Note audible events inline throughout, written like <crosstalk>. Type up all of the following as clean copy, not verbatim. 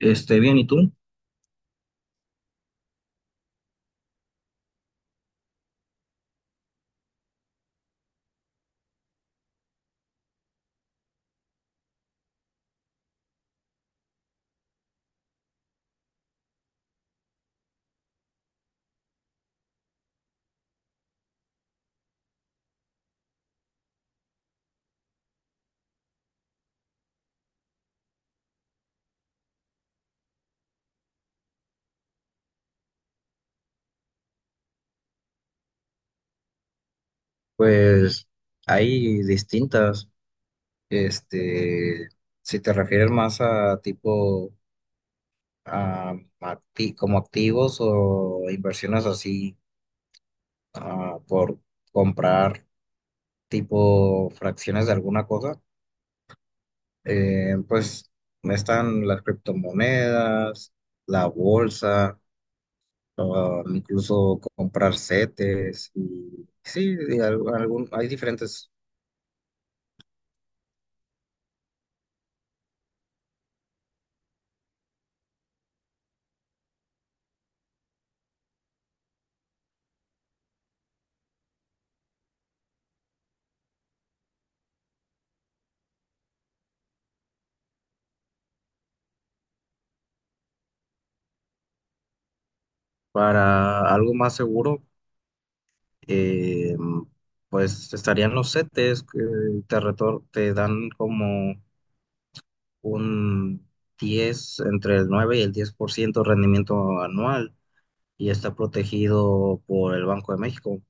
Bien, ¿y tú? Pues hay distintas, este, si te refieres más a tipo, a, como activos o inversiones así, por comprar tipo fracciones de alguna cosa, pues están las criptomonedas, la bolsa, incluso comprar CETES y sí, y algún, hay diferentes para algo más seguro, eh, pues estarían los CETES que te dan como un diez, entre el 9 y el 10% de rendimiento anual, y está protegido por el Banco de México.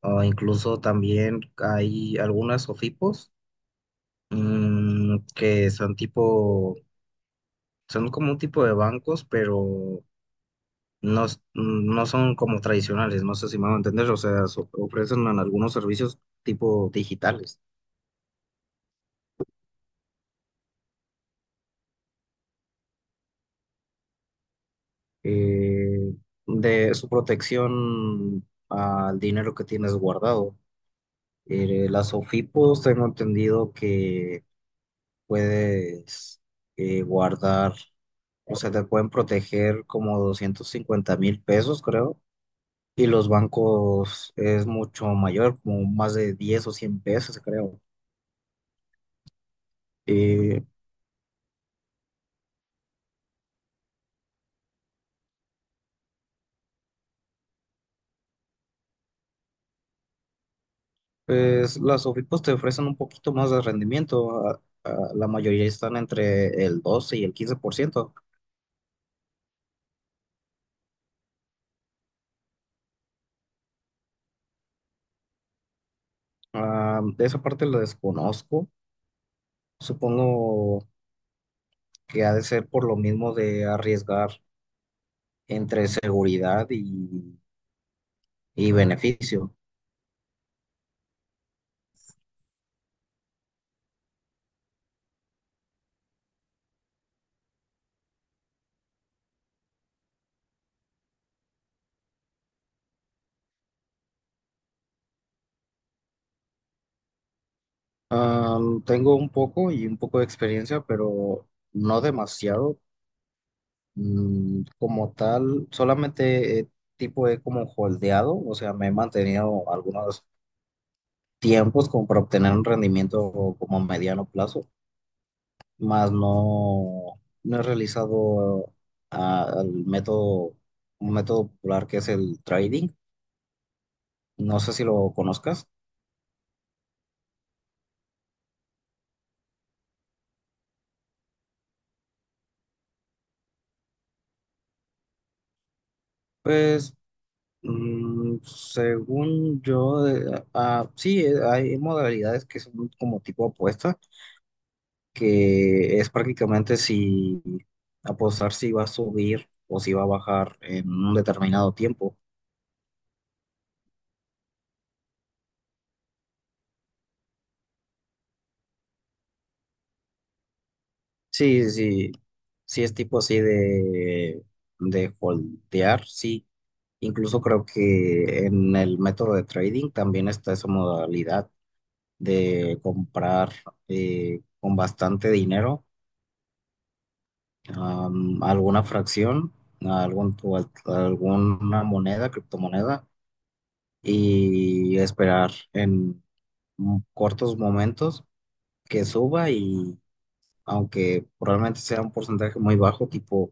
O incluso también hay algunas OFIPOS, que son tipo, son como un tipo de bancos, pero no, no son como tradicionales, no sé si me van a entender, o sea, ofrecen algunos servicios tipo digitales. eh, de su protección al dinero que tienes guardado. Las OFIPOS tengo entendido que puedes, guardar, o sea, te pueden proteger como 250,000 pesos, creo. Y los bancos es mucho mayor, como más de 10 o 100 pesos, creo. Y pues las OFIPOS te ofrecen un poquito más de rendimiento. La mayoría están entre el 12 y el 15%. Ah, de esa parte la desconozco. Supongo que ha de ser por lo mismo de arriesgar entre seguridad y beneficio. Ah, tengo un poco y un poco de experiencia, pero no demasiado. Mm, como tal, solamente, tipo he como holdeado, o sea, me he mantenido algunos tiempos como para obtener un rendimiento como a mediano plazo, más no, no he realizado, el método, un método popular que es el trading. No sé si lo conozcas. Pues, mm, según yo, sí, hay modalidades que son como tipo apuesta, que es prácticamente si apostar si va a subir o si va a bajar en un determinado tiempo. Sí, sí, sí es tipo así de holdear, sí. Incluso creo que en el método de trading también está esa modalidad de comprar, con bastante dinero, alguna fracción, algún, o alguna moneda, criptomoneda, y esperar en cortos momentos que suba y, aunque probablemente sea un porcentaje muy bajo, tipo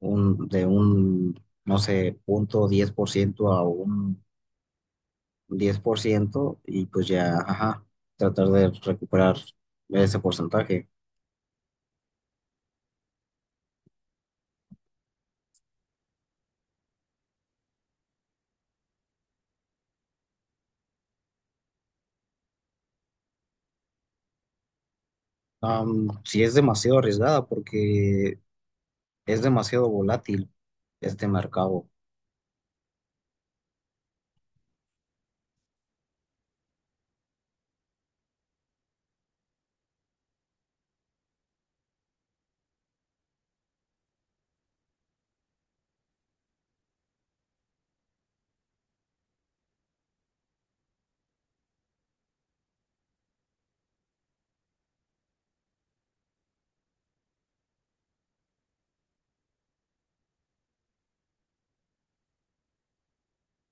un, de un, no sé, punto 10% a un diez por ciento, y pues ya, ajá, tratar de recuperar ese porcentaje. Am, sí es demasiado arriesgada porque es demasiado volátil este mercado.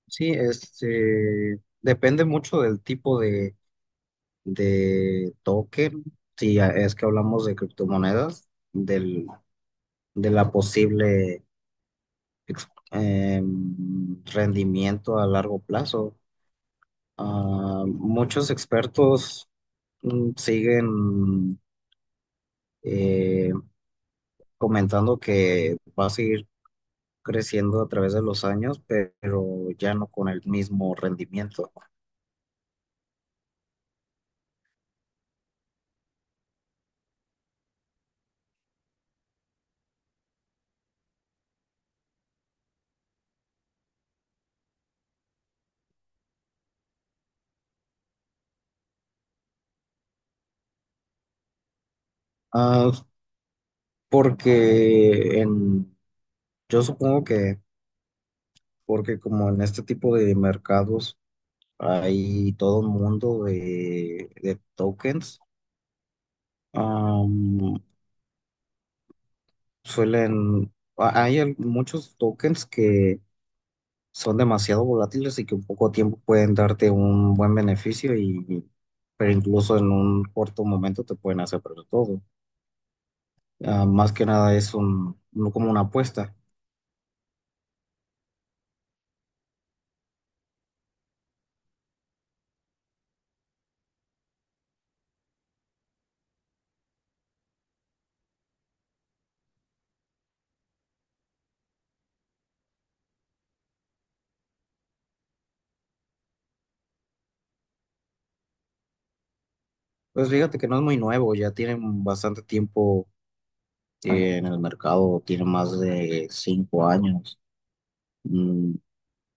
Sí, este, depende mucho del tipo de token, si es que hablamos de criptomonedas, del, de la posible rendimiento a largo plazo. Ah, muchos expertos, mm, siguen, eh, comentando que va a seguir creciendo a través de los años, pero ya no con el mismo rendimiento. Ah, porque en, yo supongo que, porque como en este tipo de mercados hay todo un mundo de tokens, am, suelen, hay muchos tokens que son demasiado volátiles y que en poco tiempo pueden darte un buen beneficio y, pero incluso en un corto momento te pueden hacer perder todo. Ah, más que nada es un, no como una apuesta. Pues fíjate que no es muy nuevo, ya tienen bastante tiempo, en el mercado, tiene más de 5 años. Mm,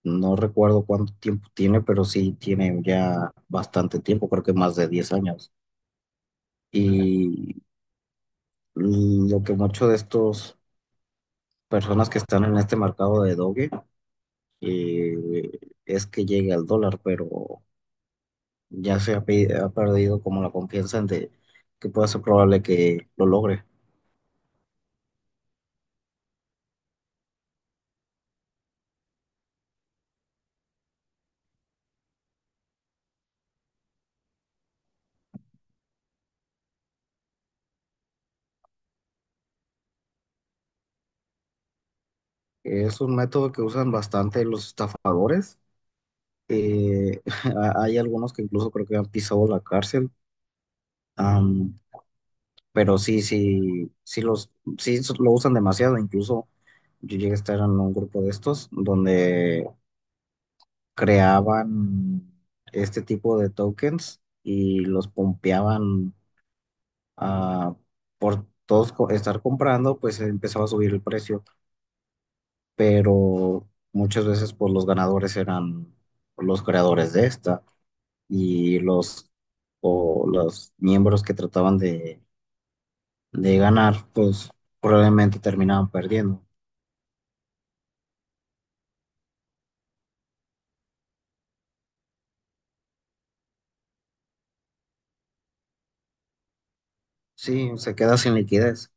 no recuerdo cuánto tiempo tiene, pero sí tiene ya bastante tiempo, creo que más de 10 años. Y lo que muchos de estos personas que están en este mercado de doge, eh, es que llegue al dólar, pero ya se ha, ha perdido como la confianza en de que pueda ser probable que lo logre. Es un método que usan bastante los estafadores. eh, <laughs> Hay algunos que incluso creo que han pisado la cárcel, am, pero sí, sí, sí, los, sí lo usan demasiado. Incluso yo llegué a estar en un grupo de estos donde creaban este tipo de tokens y los pompeaban, ah, por todos estar comprando, pues empezaba a subir el precio, pero muchas veces pues los ganadores eran los creadores de esta y los, o los miembros que trataban de ganar, pues probablemente terminaban perdiendo. Sí, se queda sin liquidez.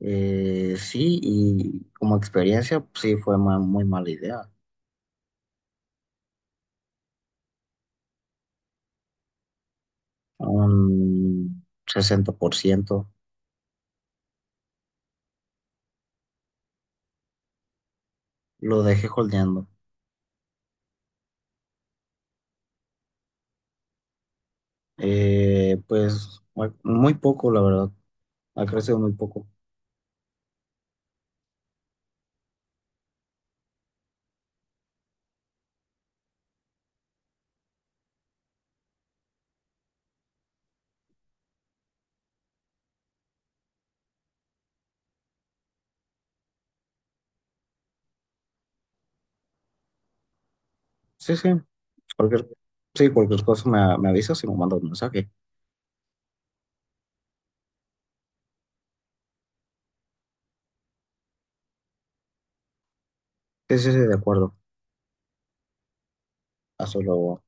Sí, y como experiencia, pues, sí fue muy mala idea. un 60%. Lo dejé holdeando. Pues muy muy poco, la verdad. Ha crecido muy poco. Sí, sí. Cualquier, sí, cualquier cosa me, me avisas y me mandas un mensaje. Sí, sí, sí, de acuerdo. Hasta luego.